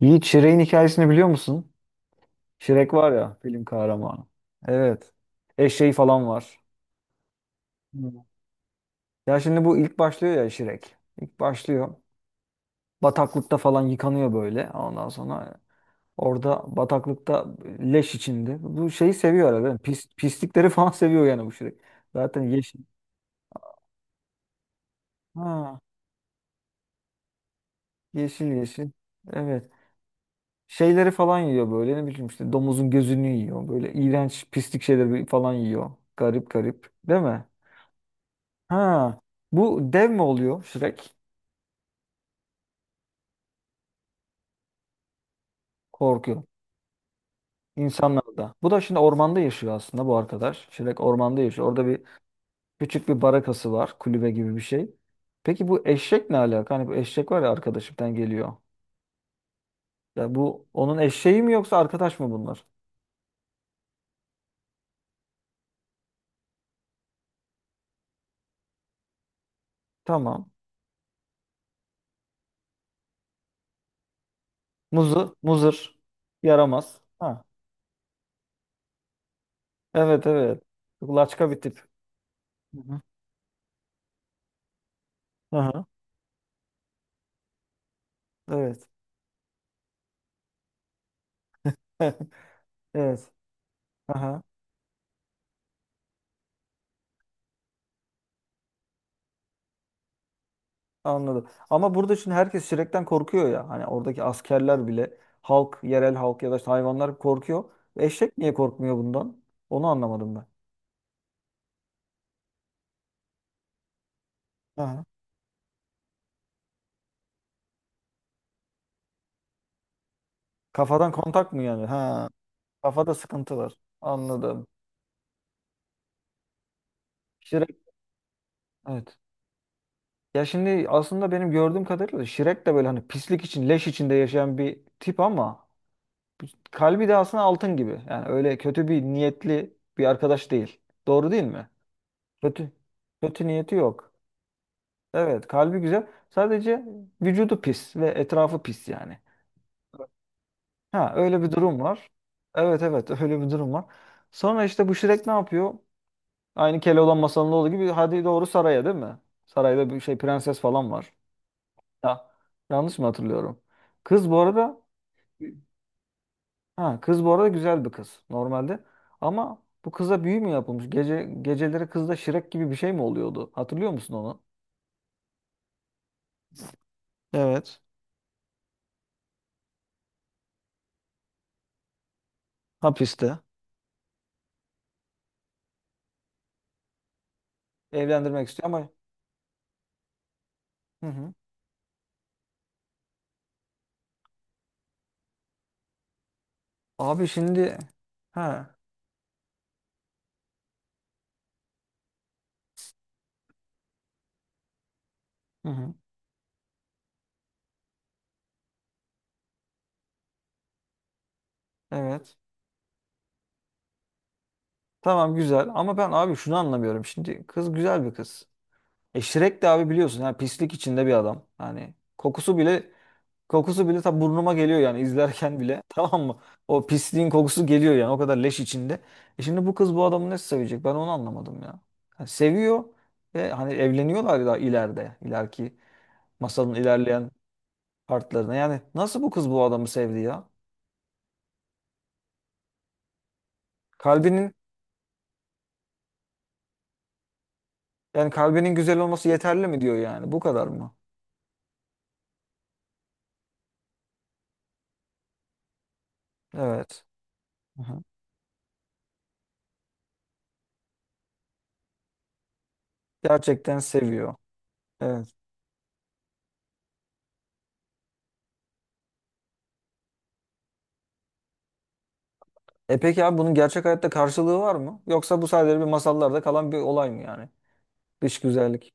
Yiğit Şirek'in hikayesini biliyor musun? Şirek var ya film kahramanı. Evet. Eşeği falan var. Hmm. Ya şimdi bu ilk başlıyor ya Şirek. İlk başlıyor. Bataklıkta falan yıkanıyor böyle. Ondan sonra orada bataklıkta leş içinde. Bu şeyi seviyor arada. Pislikleri falan seviyor yani bu Şirek. Zaten yeşil. Ha, yeşil yeşil. Evet. Şeyleri falan yiyor böyle. Ne bileyim işte domuzun gözünü yiyor. Böyle iğrenç pislik şeyleri falan yiyor. Garip garip. Değil mi? Ha, bu dev mi oluyor Shrek? Korkuyor insanlarda. Bu da şimdi ormanda yaşıyor aslında bu arkadaş. Shrek ormanda yaşıyor. Orada bir küçük bir barakası var, kulübe gibi bir şey. Peki bu eşek ne alaka? Hani bu eşek var ya arkadaşımdan geliyor. Ya bu onun eşeği mi yoksa arkadaş mı bunlar? Tamam. Muzır, yaramaz. Ha. Evet, evet. Laçka bir tip. Hı hı. Aha, evet. Evet. Aha. Anladım. Ama burada şimdi herkes şirekten korkuyor ya. Hani oradaki askerler bile yerel halk ya da işte hayvanlar korkuyor. Eşek niye korkmuyor bundan? Onu anlamadım ben. Ha. Kafadan kontak mı yani? Ha. Kafada sıkıntı var. Anladım. Şirek. Evet. Ya şimdi aslında benim gördüğüm kadarıyla şirek de böyle hani pislik için, leş içinde yaşayan bir tip ama kalbi de aslında altın gibi. Yani öyle kötü bir niyetli bir arkadaş değil. Doğru değil mi? Kötü. Kötü niyeti yok. Evet, kalbi güzel. Sadece vücudu pis ve etrafı pis yani. Ha, öyle bir durum var. Evet, evet, öyle bir durum var. Sonra işte bu Shrek ne yapıyor? Aynı Keloğlan masalında olduğu gibi hadi doğru saraya, değil mi? Sarayda bir şey, prenses falan var. Ya, yanlış mı hatırlıyorum? Kız bu arada ha kız bu arada güzel bir kız normalde. Ama bu kıza büyü mü yapılmış? Geceleri kızda Shrek gibi bir şey mi oluyordu? Hatırlıyor musun onu? Evet. Hapiste. Evlendirmek istiyor ama. Hı hı. Abi şimdi. Ha, hı hı, evet. Tamam güzel ama ben abi şunu anlamıyorum. Şimdi kız güzel bir kız. E Shrek de abi biliyorsun yani pislik içinde bir adam. Yani kokusu bile ta burnuma geliyor yani izlerken bile. Tamam mı? O pisliğin kokusu geliyor yani o kadar leş içinde. E şimdi bu kız bu adamı nasıl sevecek? Ben onu anlamadım ya. Yani seviyor ve hani evleniyorlar da ileriki masalın ilerleyen partlarına. Yani nasıl bu kız bu adamı sevdi ya? Kalbinin Yani kalbinin güzel olması yeterli mi diyor yani? Bu kadar mı? Evet. Aha. Gerçekten seviyor. Evet. E peki abi bunun gerçek hayatta karşılığı var mı? Yoksa bu sadece bir masallarda kalan bir olay mı yani? Dış güzellik.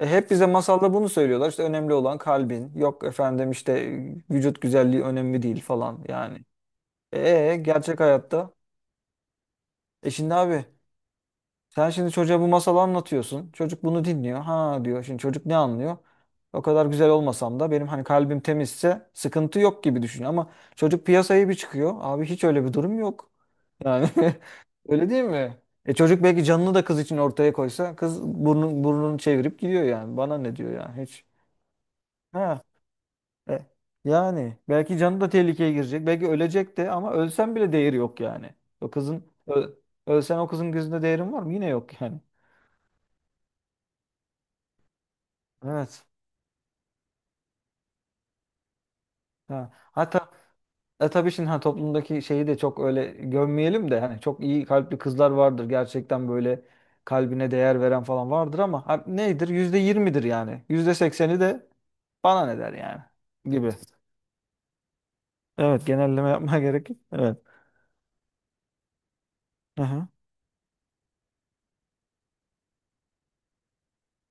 E hep bize masalda bunu söylüyorlar. İşte önemli olan kalbin. Yok efendim, işte vücut güzelliği önemli değil falan yani. E gerçek hayatta. E şimdi abi Sen şimdi çocuğa bu masalı anlatıyorsun. Çocuk bunu dinliyor. Ha diyor. Şimdi çocuk ne anlıyor? O kadar güzel olmasam da benim hani kalbim temizse sıkıntı yok gibi düşünüyor. Ama çocuk piyasaya bir çıkıyor. Abi hiç öyle bir durum yok. Yani öyle değil mi? E çocuk belki canını da kız için ortaya koysa kız burnunu çevirip gidiyor yani. Bana ne diyor yani, hiç. Ha, e, yani belki canı da tehlikeye girecek. Belki ölecek de ama ölsen bile değeri yok yani. O kızın ö- Ölsen o kızın gözünde değerin var mı? Yine yok yani. Evet. Ha. Hatta tabii şimdi, ha, toplumdaki şeyi de çok öyle gömmeyelim de hani çok iyi kalpli kızlar vardır gerçekten, böyle kalbine değer veren falan vardır ama ha, nedir, %20'dir yani, %80'i de bana ne der yani gibi. Evet, genelleme yapmaya gerek yok. Evet. Aha,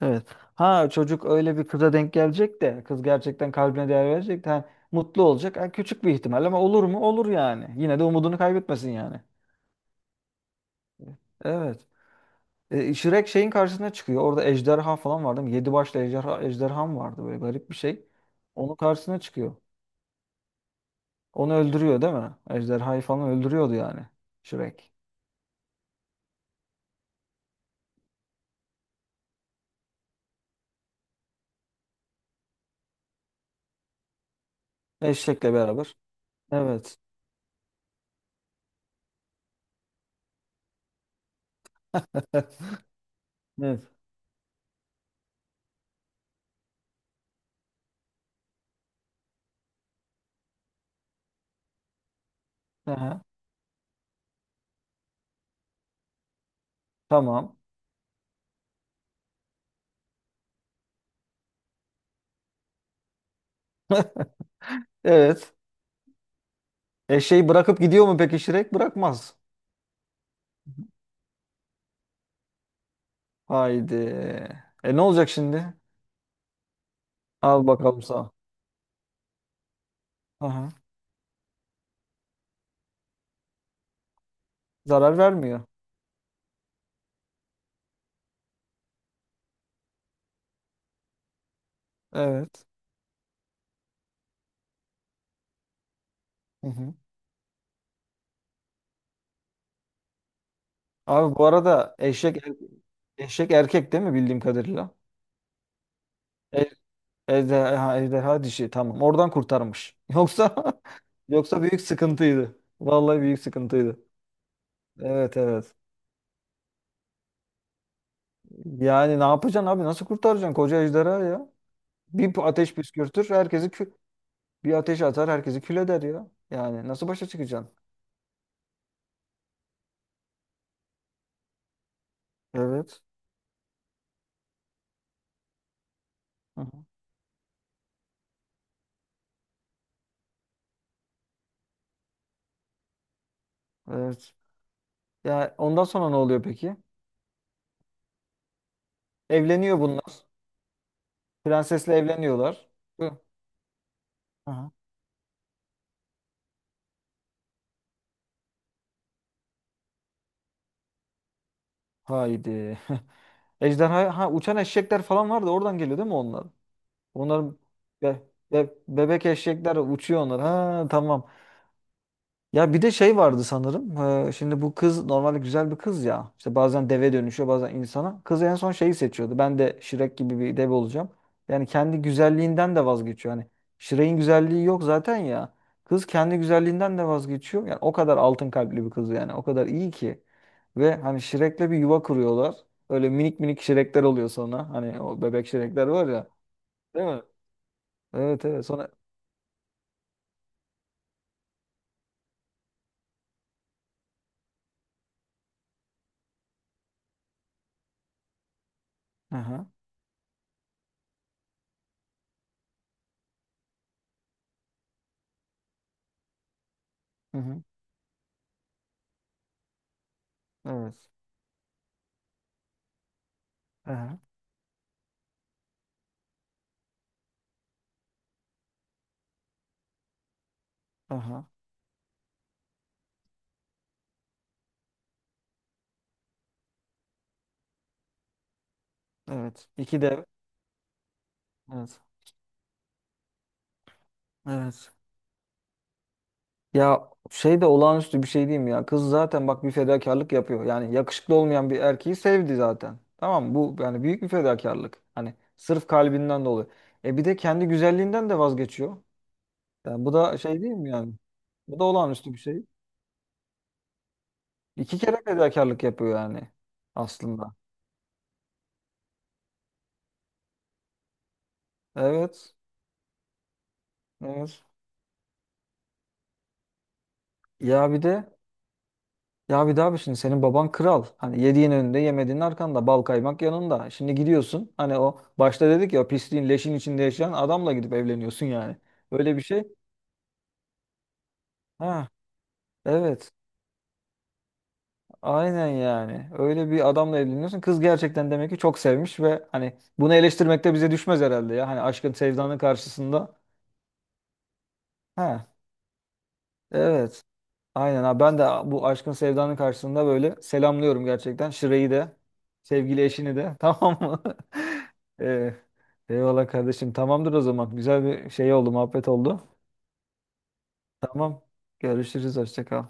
evet. Ha, çocuk öyle bir kıza denk gelecek de kız gerçekten kalbine değer verecek de ha, mutlu olacak. Ha, küçük bir ihtimal ama olur mu? Olur yani. Yine de umudunu kaybetmesin yani. Evet. Shrek şeyin karşısına çıkıyor. Orada ejderha falan vardı. Değil Yedi başlı ejderha mı vardı? Böyle garip bir şey. Onun karşısına çıkıyor. Onu öldürüyor değil mi? Ejderhayı falan öldürüyordu yani. Shrek. Eşekle beraber. Evet. Evet. Aha, tamam. Evet. Eşeği bırakıp gidiyor mu peki Shrek? Bırakmaz. Haydi. E ne olacak şimdi? Al bakalım sana. Aha. Zarar vermiyor. Evet. Hı hı. Abi bu arada eşek erkek değil mi bildiğim kadarıyla? Ejderha dişi, tamam. Oradan kurtarmış. Yoksa, büyük sıkıntıydı. Vallahi büyük sıkıntıydı. Evet, evet. Yani ne yapacaksın abi? Nasıl kurtaracaksın koca ejderha ya? Bir ateş püskürtür, herkesi kü bir ateş atar, herkesi kül eder ya. Yani nasıl başa çıkacaksın? Evet. Hı hı. Evet. Ya ondan sonra ne oluyor peki? Evleniyor bunlar. Prensesle evleniyorlar. Hı. Hı hı. Haydi. Ejderha, ha, uçan eşekler falan vardı. Oradan geliyor değil mi onlar? Onların be, bebek eşekler uçuyor onlar. Ha, tamam. Ya bir de şey vardı sanırım. Şimdi bu kız normalde güzel bir kız ya. İşte bazen deve dönüşüyor, bazen insana. Kız en son şeyi seçiyordu. Ben de Shrek gibi bir deve olacağım. Yani kendi güzelliğinden de vazgeçiyor. Hani Shrek'in güzelliği yok zaten ya. Kız kendi güzelliğinden de vazgeçiyor. Yani o kadar altın kalpli bir kız yani. O kadar iyi ki. Ve hani Shrek'le bir yuva kuruyorlar. Öyle minik minik Shrek'ler oluyor sonra. Hani o bebek Shrek'ler var ya. Değil mi? Evet, evet. Sonra. Aha. Hı hı. Evet. Aha. Aha. Evet. İki de evet. Evet. Ya şey de olağanüstü bir şey diyeyim ya. Kız zaten bak bir fedakarlık yapıyor. Yani yakışıklı olmayan bir erkeği sevdi zaten. Tamam mı? Bu yani büyük bir fedakarlık. Hani sırf kalbinden dolayı. Bir de kendi güzelliğinden de vazgeçiyor. Yani bu da şey değil mi yani? Bu da olağanüstü bir şey. İki kere fedakarlık yapıyor yani aslında. Evet. Evet. Ya bir de Ya bir daha bir şimdi senin baban kral. Hani yediğin önünde yemediğin arkanda, bal kaymak yanında. Şimdi gidiyorsun hani o başta dedik ya, o pisliğin leşin içinde yaşayan adamla gidip evleniyorsun yani. Öyle bir şey. Ha, evet, aynen, yani öyle bir adamla evleniyorsun. Kız gerçekten demek ki çok sevmiş ve hani bunu eleştirmek de bize düşmez herhalde ya. Hani aşkın sevdanın karşısında. Ha, evet. Aynen abi, ben de bu aşkın sevdanın karşısında böyle selamlıyorum gerçekten. Şire'yi de sevgili eşini de tamam mı? Ee, Eyvallah kardeşim, tamamdır o zaman. Güzel bir şey oldu, muhabbet oldu. Tamam, görüşürüz, hoşça kal.